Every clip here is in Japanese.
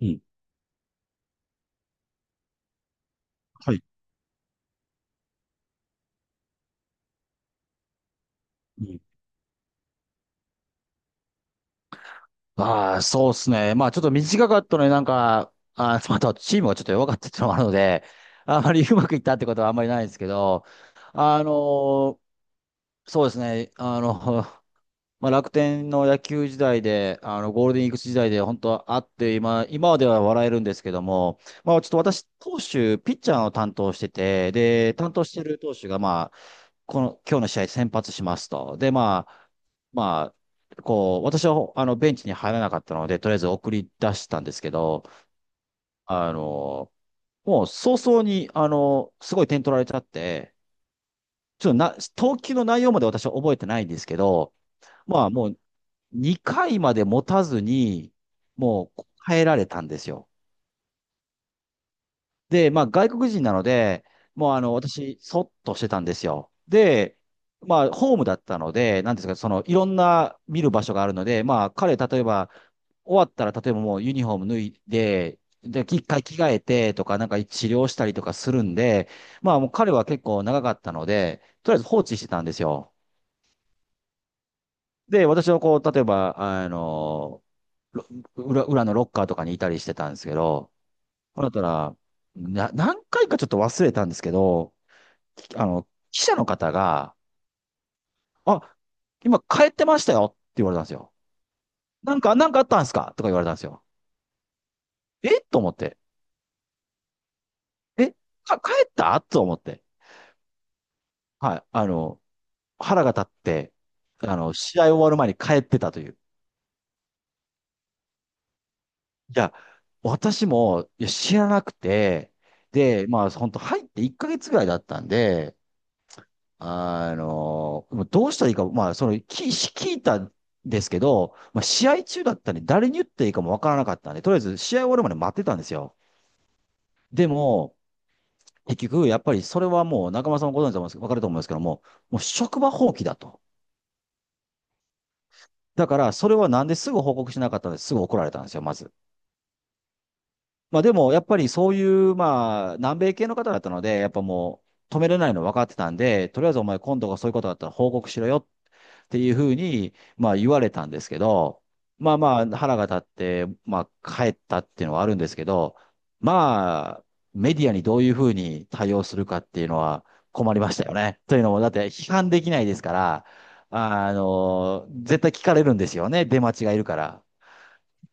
うん。はい。うん。ああ、そうですね。まあ、ちょっと短かったのになんか、チームがちょっと弱かったっていうのもあるので、あまりうまくいったってことはあんまりないんですけど、あのーそうですね。まあ、楽天の野球時代で、ゴールデンイーグルス時代で本当はあって、今までは笑えるんですけども、まあ、ちょっと私、投手、ピッチャーを担当してて、で、担当してる投手が、この、今日の試合先発しますと。で、まあ、こう、私は、ベンチに入らなかったので、とりあえず送り出したんですけど、あの、もう早々に、すごい点取られちゃって、ちょっとな、投球の内容まで私は覚えてないんですけど、まあもう2回まで持たずに、もう変えられたんですよ。で、まあ外国人なので、もう私、そっとしてたんですよ。で、まあホームだったので、なんですか、そのいろんな見る場所があるので、まあ彼、例えば終わったら、例えばもうユニフォーム脱いで、で、一回着替えてとか、なんか治療したりとかするんで、まあもう彼は結構長かったので、とりあえず放置してたんですよ。で、私はこう、例えば、ろ裏のロッカーとかにいたりしてたんですけど、ほんだったら、何回かちょっと忘れたんですけど、記者の方が、あ、今帰ってましたよって言われたんですよ。なんかあったんですかとか言われたんですよ。えと思って。え帰ったと思って。はい。腹が立って、試合終わる前に帰ってたという。いや、私も、いや、知らなくて、で、まあ、本当入って1ヶ月ぐらいだったんで、もうどうしたらいいか、まあ、聞いたんですけど、まあ、試合中だったんで、誰に言っていいかもわからなかったんで、とりあえず試合終わるまで待ってたんですよ。でも、結局、やっぱりそれはもう、中村さんもご存知だと思うんですけど、わかると思うんですけども、もう職場放棄だと。だから、それはなんですぐ報告しなかったんですぐ怒られたんですよ、まず。まあ、でも、やっぱりそういう、まあ、南米系の方だったので、やっぱもう、止めれないの分かってたんで、とりあえずお前今度がそういうことだったら報告しろよっっていうふうに、まあ言われたんですけど、まあまあ腹が立って、まあ帰ったっていうのはあるんですけど、まあ、メディアにどういうふうに対応するかっていうのは困りましたよね。というのも、だって批判できないですから、絶対聞かれるんですよね、出待ちがいるから。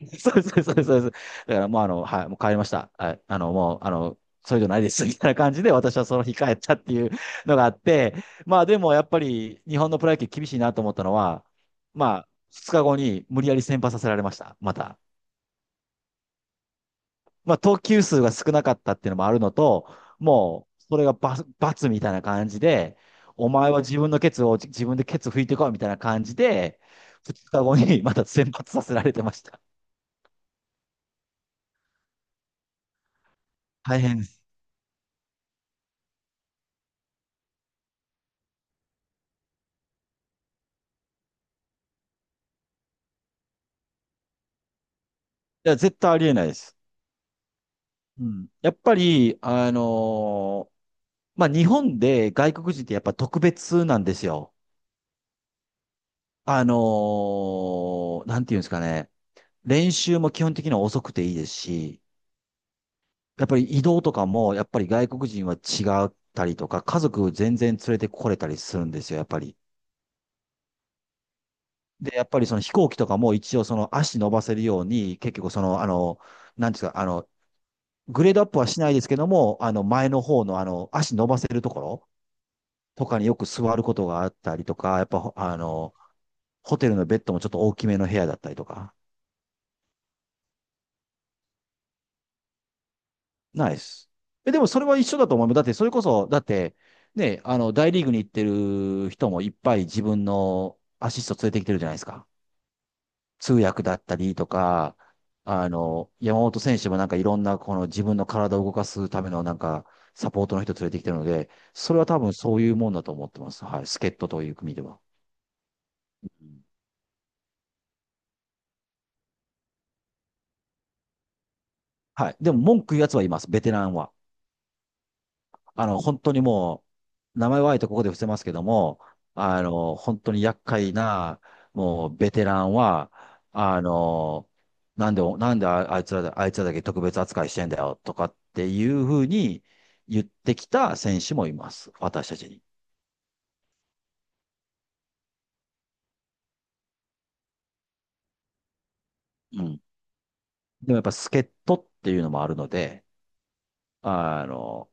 そうです、そうです、そうです。だからもうはい、もう帰りました。はい、もう、それじゃないです、みたいな感じで私はその日帰ったっていうのがあって、まあでもやっぱり日本のプロ野球厳しいなと思ったのは、まあ、2日後に無理やり先発させられました、また。まあ、投球数が少なかったっていうのもあるのと、もう、それが罰、罰みたいな感じで、お前は自分のケツを自分でケツ拭いてこいみたいな感じで、2日後にまた先発させられてました。大変です。いや、絶対ありえないです。うん。やっぱり、まあ、日本で外国人ってやっぱ特別なんですよ。あのなんていうんですかね。練習も基本的には遅くていいですし、やっぱり移動とかも、やっぱり外国人は違ったりとか、家族全然連れてこれたりするんですよ、やっぱり。で、やっぱりその飛行機とかも一応その足伸ばせるように、結局なんていうんですか、グレードアップはしないですけども、前の方の足伸ばせるところ、とかによく座ることがあったりとか、やっぱホテルのベッドもちょっと大きめの部屋だったりとか。ないです。え、でもそれは一緒だと思う。だって、それこそ、だって、ね、大リーグに行ってる人もいっぱい自分のアシスト連れてきてるじゃないですか。通訳だったりとか、山本選手もなんかいろんなこの自分の体を動かすためのなんかサポートの人連れてきてるので、それは多分そういうもんだと思ってます。はい。助っ人という組では。はい。でも文句言うやつはいます。ベテランは。本当にもう、名前はあえてここで伏せますけども、本当に厄介な、もう、ベテランは、あの、なんでああいつらだ、あいつらだけ特別扱いしてんだよ、とかっていうふうに言ってきた選手もいます。私たちに。うん。でもやっぱ、助っ人っていうのもあるので、あの、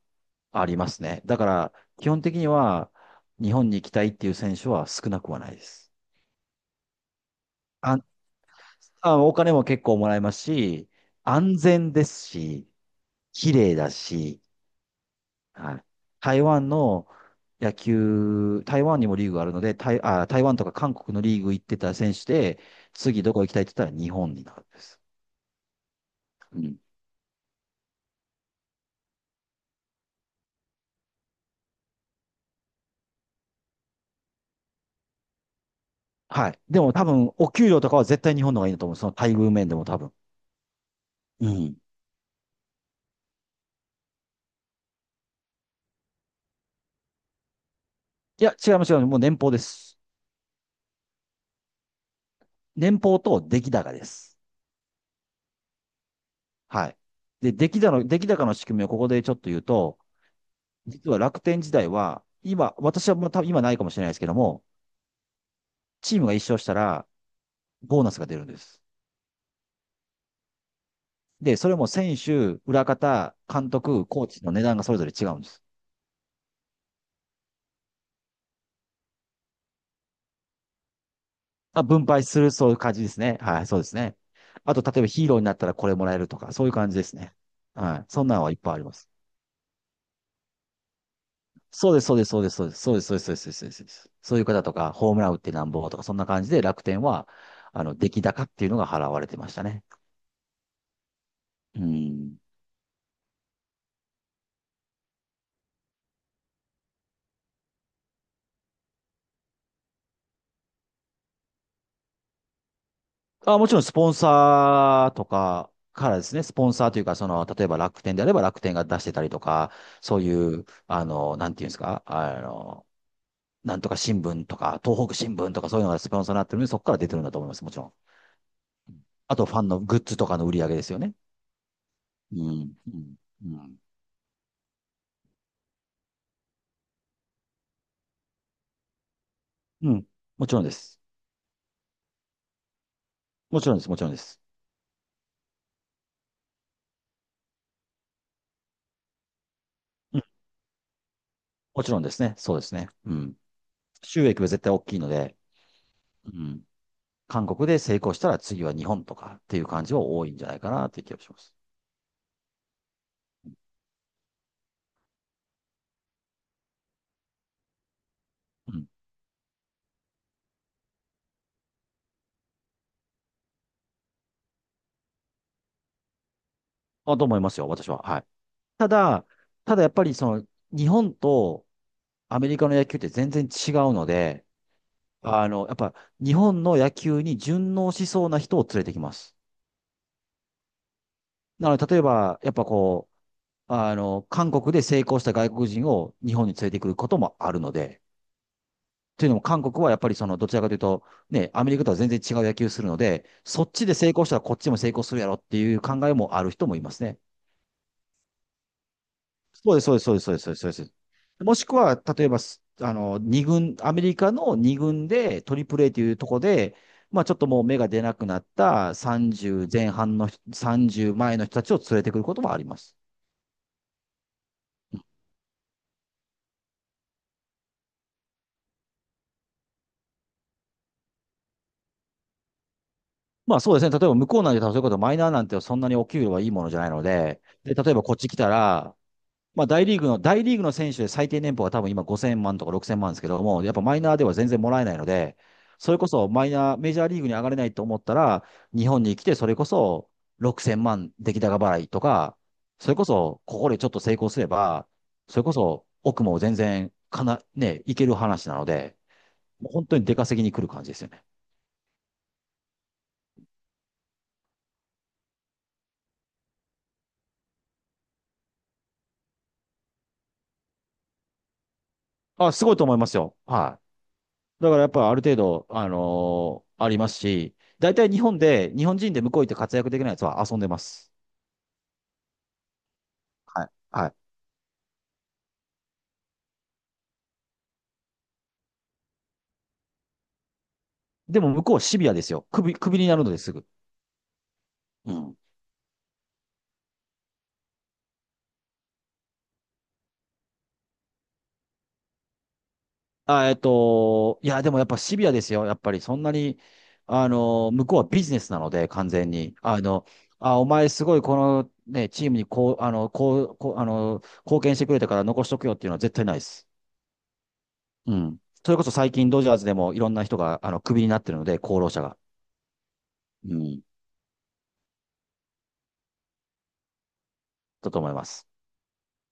ありますね。だから、基本的には、日本に行きたいっていう選手は少なくはないです。安お金も結構もらえますし、安全ですし、綺麗だし、はい。台湾の野球、台湾にもリーグがあるので、台湾とか韓国のリーグ行ってた選手で、次どこ行きたいって言ったら日本になるんです。うん。はい。でも多分、お給料とかは絶対日本の方がいいなと思う。その待遇面でも多分。うん。いや、違います、違います。もう年俸です。年俸と出来高です。はい。で、出来高の仕組みをここでちょっと言うと、実は楽天時代は、今、私はもう多分今ないかもしれないですけども、チームが1勝したら、ボーナスが出るんです。で、それも選手、裏方、監督、コーチの値段がそれぞれ違うんです。まあ、分配する、そういう感じですね。はい、そうですね。あと、例えばヒーローになったらこれもらえるとか、そういう感じですね。はい。そんなのはいっぱいあります。そうです、そうです、そうです、そうです、そうです、そうです、そうです、そうです、そうです。そういう方とか、ホームラン打ってなんぼとか、そんな感じで楽天は、出来高っていうのが払われてましたね。うん。あ、もちろんスポンサーとかからですね、スポンサーというか、その、例えば楽天であれば楽天が出してたりとか、そういう、なんていうんですか、なんとか新聞とか、東北新聞とかそういうのがスポンサーになってるので、そこから出てるんだと思います、もちろん。あと、ファンのグッズとかの売り上げですよね。うん、うん、うん。うん。もちろんです。もちろんです、もちろんです。うん、もちろんですね、そうですね。うん。収益は絶対大きいので、うん。韓国で成功したら次は日本とかっていう感じは多いんじゃないかなっていう気がします。うん。あ、と思いますよ、私は。はい。ただ、ただやっぱりその、日本とアメリカの野球って全然違うので、あの、やっぱ日本の野球に順応しそうな人を連れてきます。なので、例えば、やっぱこう、あの、韓国で成功した外国人を日本に連れてくることもあるので、というのも韓国はやっぱりその、どちらかというと、ね、アメリカとは全然違う野球するので、そっちで成功したらこっちも成功するやろっていう考えもある人もいますね。そうです、そうです、そうです、そうです、そうです。そうです。もしくは、例えばす、あの、二軍、アメリカの二軍で、トリプル A というとこで、まあちょっともう目が出なくなった30前半の人、30前の人たちを連れてくることもあります。まあそうですね。例えば向こうなんて、そういうことマイナーなんてそんなにお給料はいいものじゃないので、で、例えばこっち来たら、まあ、大リーグの選手で最低年俸は多分今5000万とか6000万ですけども、やっぱマイナーでは全然もらえないので、それこそマイナー、メジャーリーグに上がれないと思ったら、日本に来てそれこそ6000万出来高払いとか、それこそここでちょっと成功すれば、それこそ奥も全然かな、ね、いける話なので、もう本当に出稼ぎに来る感じですよね。あ、すごいと思いますよ。はい。だからやっぱある程度、ありますし、大体日本で、日本人で向こう行って活躍できないやつは遊んでます。はい。でも向こうはシビアですよ。首になるのですぐ。うん。いや、でもやっぱシビアですよ。やっぱりそんなに、あの、向こうはビジネスなので、完全に。あ、お前すごいこのね、チームに貢献してくれたから残しとくよっていうのは絶対ないです。うん。それこそ最近ドジャースでもいろんな人が、あの、首になってるので、功労者が。うん。だと思います。